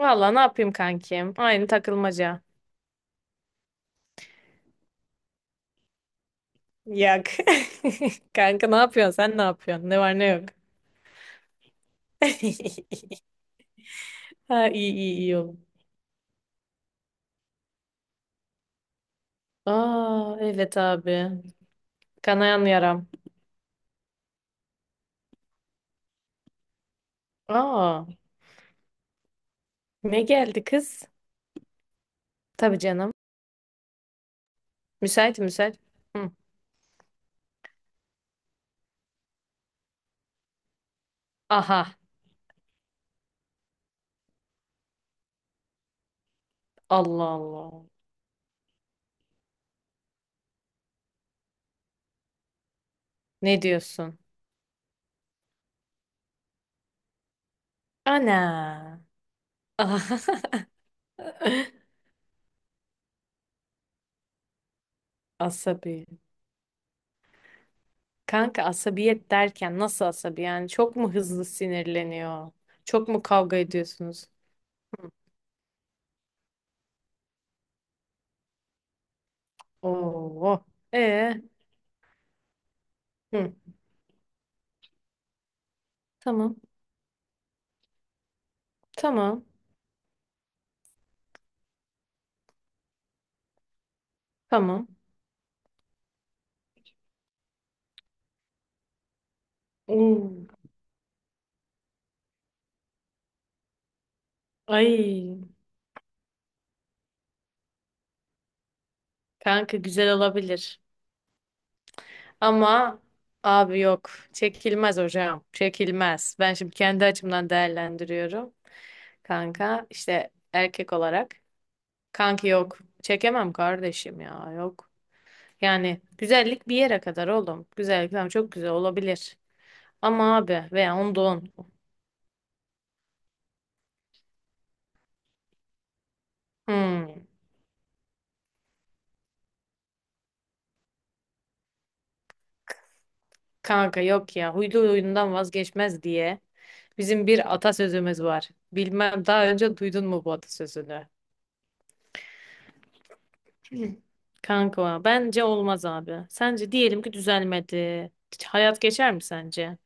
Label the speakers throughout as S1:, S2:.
S1: Valla ne yapayım kankim? Aynı takılmaca. Yak. Kanka ne yapıyorsun? Sen ne yapıyorsun? Ne var ne yok? Ha iyi iyi iyi oğlum. Aa evet abi. Kanayan yaram. Aa ne geldi kız? Tabii canım. Müsait müsait. Hı. Aha Allah Allah. Ne diyorsun? Ana. Asabi. Kanka asabiyet derken nasıl asabi? Yani çok mu hızlı sinirleniyor? Çok mu kavga ediyorsunuz? Oo. Ee, hı. Tamam. Tamam. Tamam. Oo. Ay. Kanka güzel olabilir. Ama abi yok. Çekilmez hocam. Çekilmez. Ben şimdi kendi açımdan değerlendiriyorum. Kanka işte erkek olarak. Kanki yok. Çekemem kardeşim ya. Yok. Yani güzellik bir yere kadar oğlum. Güzellik tamam çok güzel olabilir. Ama abi veya onda on. Hmm. Kanka yok ya. Huylu huyundan vazgeçmez diye. Bizim bir atasözümüz var. Bilmem daha önce duydun mu bu atasözünü? Kanka bence olmaz abi. Sence diyelim ki düzelmedi. Hayat geçer mi sence?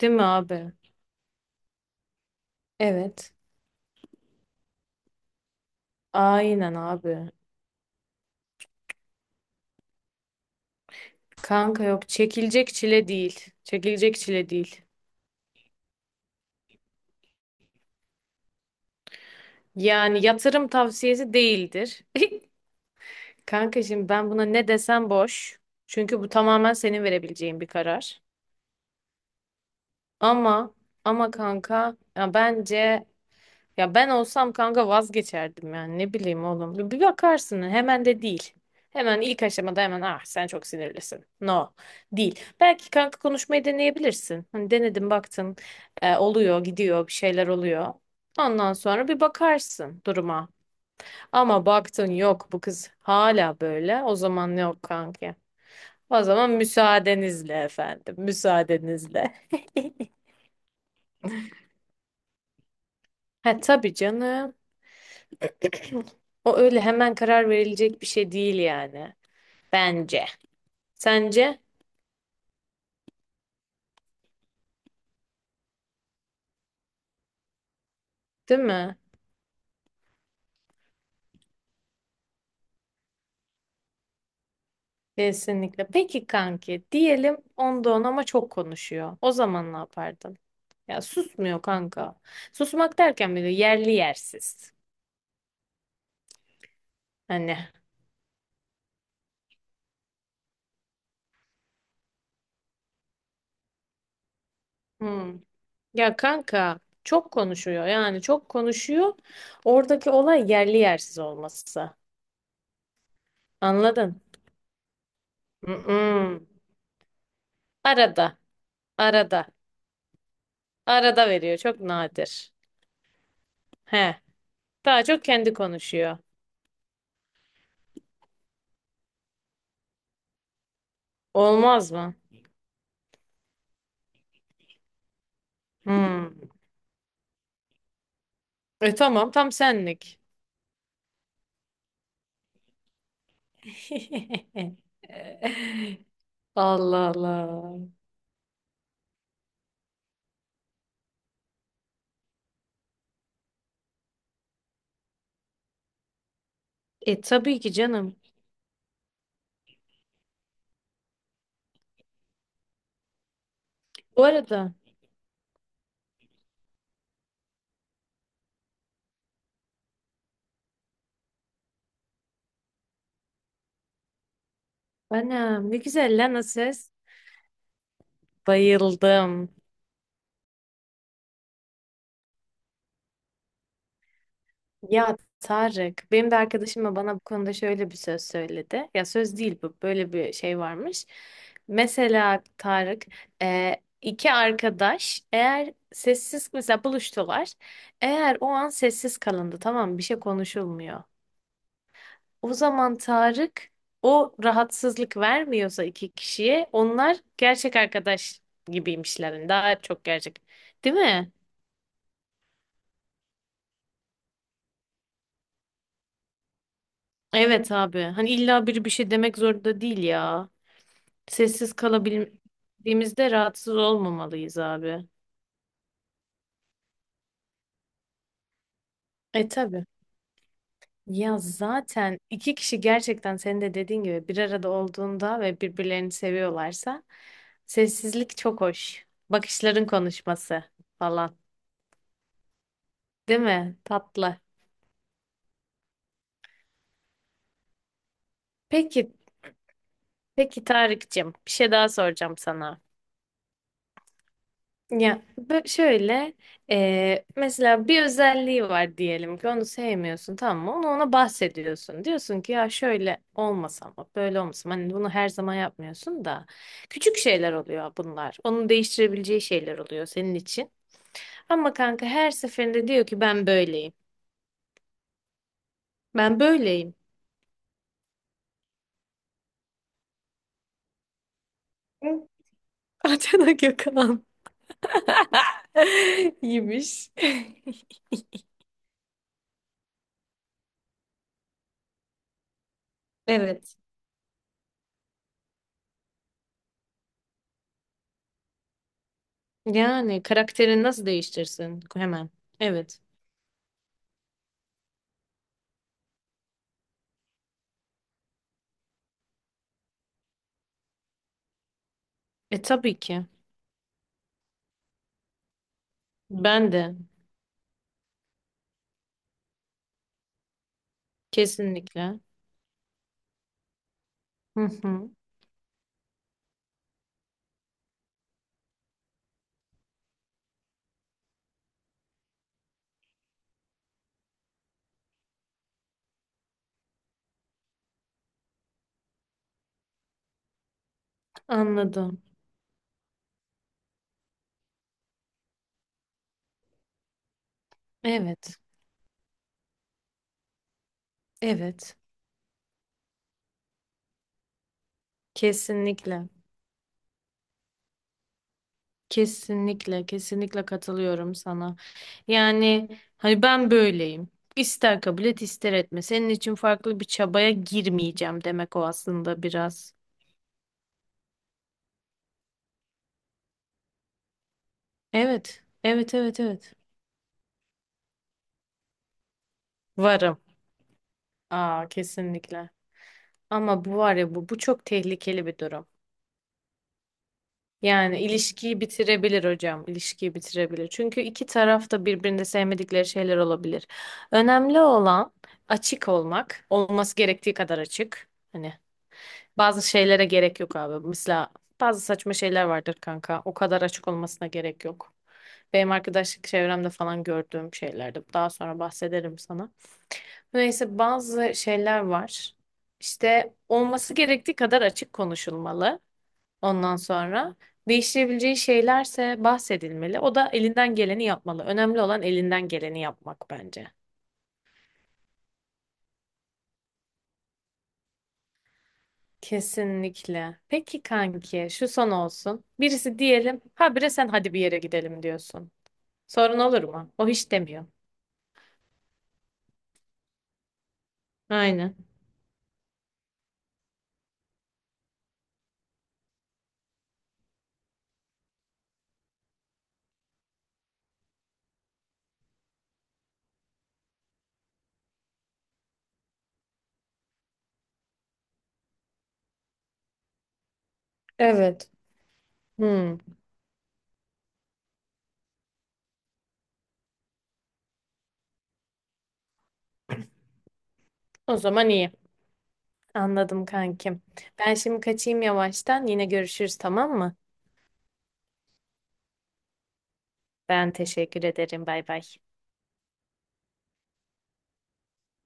S1: Değil mi abi? Evet. Aynen abi. Kanka yok çekilecek çile değil. Çekilecek çile değil. Yani yatırım tavsiyesi değildir. Kanka şimdi ben buna ne desem boş. Çünkü bu tamamen senin verebileceğin bir karar. Ama ama kanka ya bence. Ya ben olsam kanka vazgeçerdim yani ne bileyim oğlum. Bir bakarsın hemen de değil. Hemen ilk aşamada hemen ah sen çok sinirlisin. No değil. Belki kanka konuşmayı deneyebilirsin. Hani denedin baktın oluyor gidiyor bir şeyler oluyor. Ondan sonra bir bakarsın duruma. Ama baktın yok bu kız hala böyle, o zaman yok kanka. O zaman müsaadenizle efendim, müsaadenizle. Ha tabii canım, o öyle hemen karar verilecek bir şey değil yani. Bence. Sence? Değil mi? Kesinlikle. Peki kanki, diyelim onda on ama çok konuşuyor. O zaman ne yapardın? Ya susmuyor kanka. Susmak derken bile yerli yersiz. Hani. Hmm. Ya kanka çok konuşuyor, yani çok konuşuyor. Oradaki olay yerli yersiz olması. Anladın? Mm-mm. Arada. Arada. Arada veriyor. Çok nadir. He. Daha çok kendi konuşuyor. Olmaz mı? Hmm. E tamam, tam senlik. Allah Allah. E tabii ki canım. Bu arada ana ne güzel lan o ses. Bayıldım. Ya Tarık, benim de arkadaşım da bana bu konuda şöyle bir söz söyledi. Ya söz değil, bu böyle bir şey varmış. Mesela Tarık, e, iki arkadaş eğer sessiz mesela buluştular. Eğer o an sessiz kalındı, tamam mı? Bir şey konuşulmuyor. O zaman Tarık, o rahatsızlık vermiyorsa iki kişiye, onlar gerçek arkadaş gibiymişler. Yani daha çok gerçek. Değil mi? Evet abi. Hani illa biri bir şey demek zorunda değil ya. Sessiz kalabildiğimizde rahatsız olmamalıyız abi. E tabii. Ya zaten iki kişi gerçekten senin de dediğin gibi bir arada olduğunda ve birbirlerini seviyorlarsa, sessizlik çok hoş. Bakışların konuşması falan. Değil mi? Tatlı. Peki Peki Tarık'cığım, bir şey daha soracağım sana. Ya bö- şöyle Mesela bir özelliği var diyelim ki, onu sevmiyorsun, tamam mı? Onu ona bahsediyorsun. Diyorsun ki, "Ya şöyle olmasa, ama böyle olmasa ama." Hani bunu her zaman yapmıyorsun da küçük şeyler oluyor bunlar. Onun değiştirebileceği şeyler oluyor senin için. Ama kanka her seferinde diyor ki ben böyleyim. Ben böyleyim. Hı? Atena Gökhan. iyiymiş. Evet. Yani karakterini nasıl değiştirsin hemen? Evet. E tabii ki. Ben de. Kesinlikle. Hı hı. Anladım. Evet. Evet. Kesinlikle. Kesinlikle. Kesinlikle katılıyorum sana. Yani hani ben böyleyim. İster kabul et ister etme. Senin için farklı bir çabaya girmeyeceğim demek o aslında, biraz. Evet. Evet evet evet. Varım. Aa kesinlikle. Ama bu var ya, bu çok tehlikeli bir durum. Yani ilişkiyi bitirebilir hocam, ilişkiyi bitirebilir. Çünkü iki taraf da birbirini sevmedikleri şeyler olabilir. Önemli olan açık olmak, olması gerektiği kadar açık. Hani bazı şeylere gerek yok abi. Mesela bazı saçma şeyler vardır kanka. O kadar açık olmasına gerek yok. Benim arkadaşlık çevremde falan gördüğüm şeylerdi. Daha sonra bahsederim sana. Neyse bazı şeyler var. İşte olması gerektiği kadar açık konuşulmalı. Ondan sonra değiştirebileceği şeylerse bahsedilmeli. O da elinden geleni yapmalı. Önemli olan elinden geleni yapmak bence. Kesinlikle. Peki kanki, şu son olsun. Birisi diyelim, habire sen, "Hadi bir yere gidelim," diyorsun. Sorun olur mu? O hiç demiyor. Aynen. Evet. Hmm. O zaman iyi. Anladım kankim. Ben şimdi kaçayım yavaştan. Yine görüşürüz, tamam mı? Ben teşekkür ederim. Bay bay.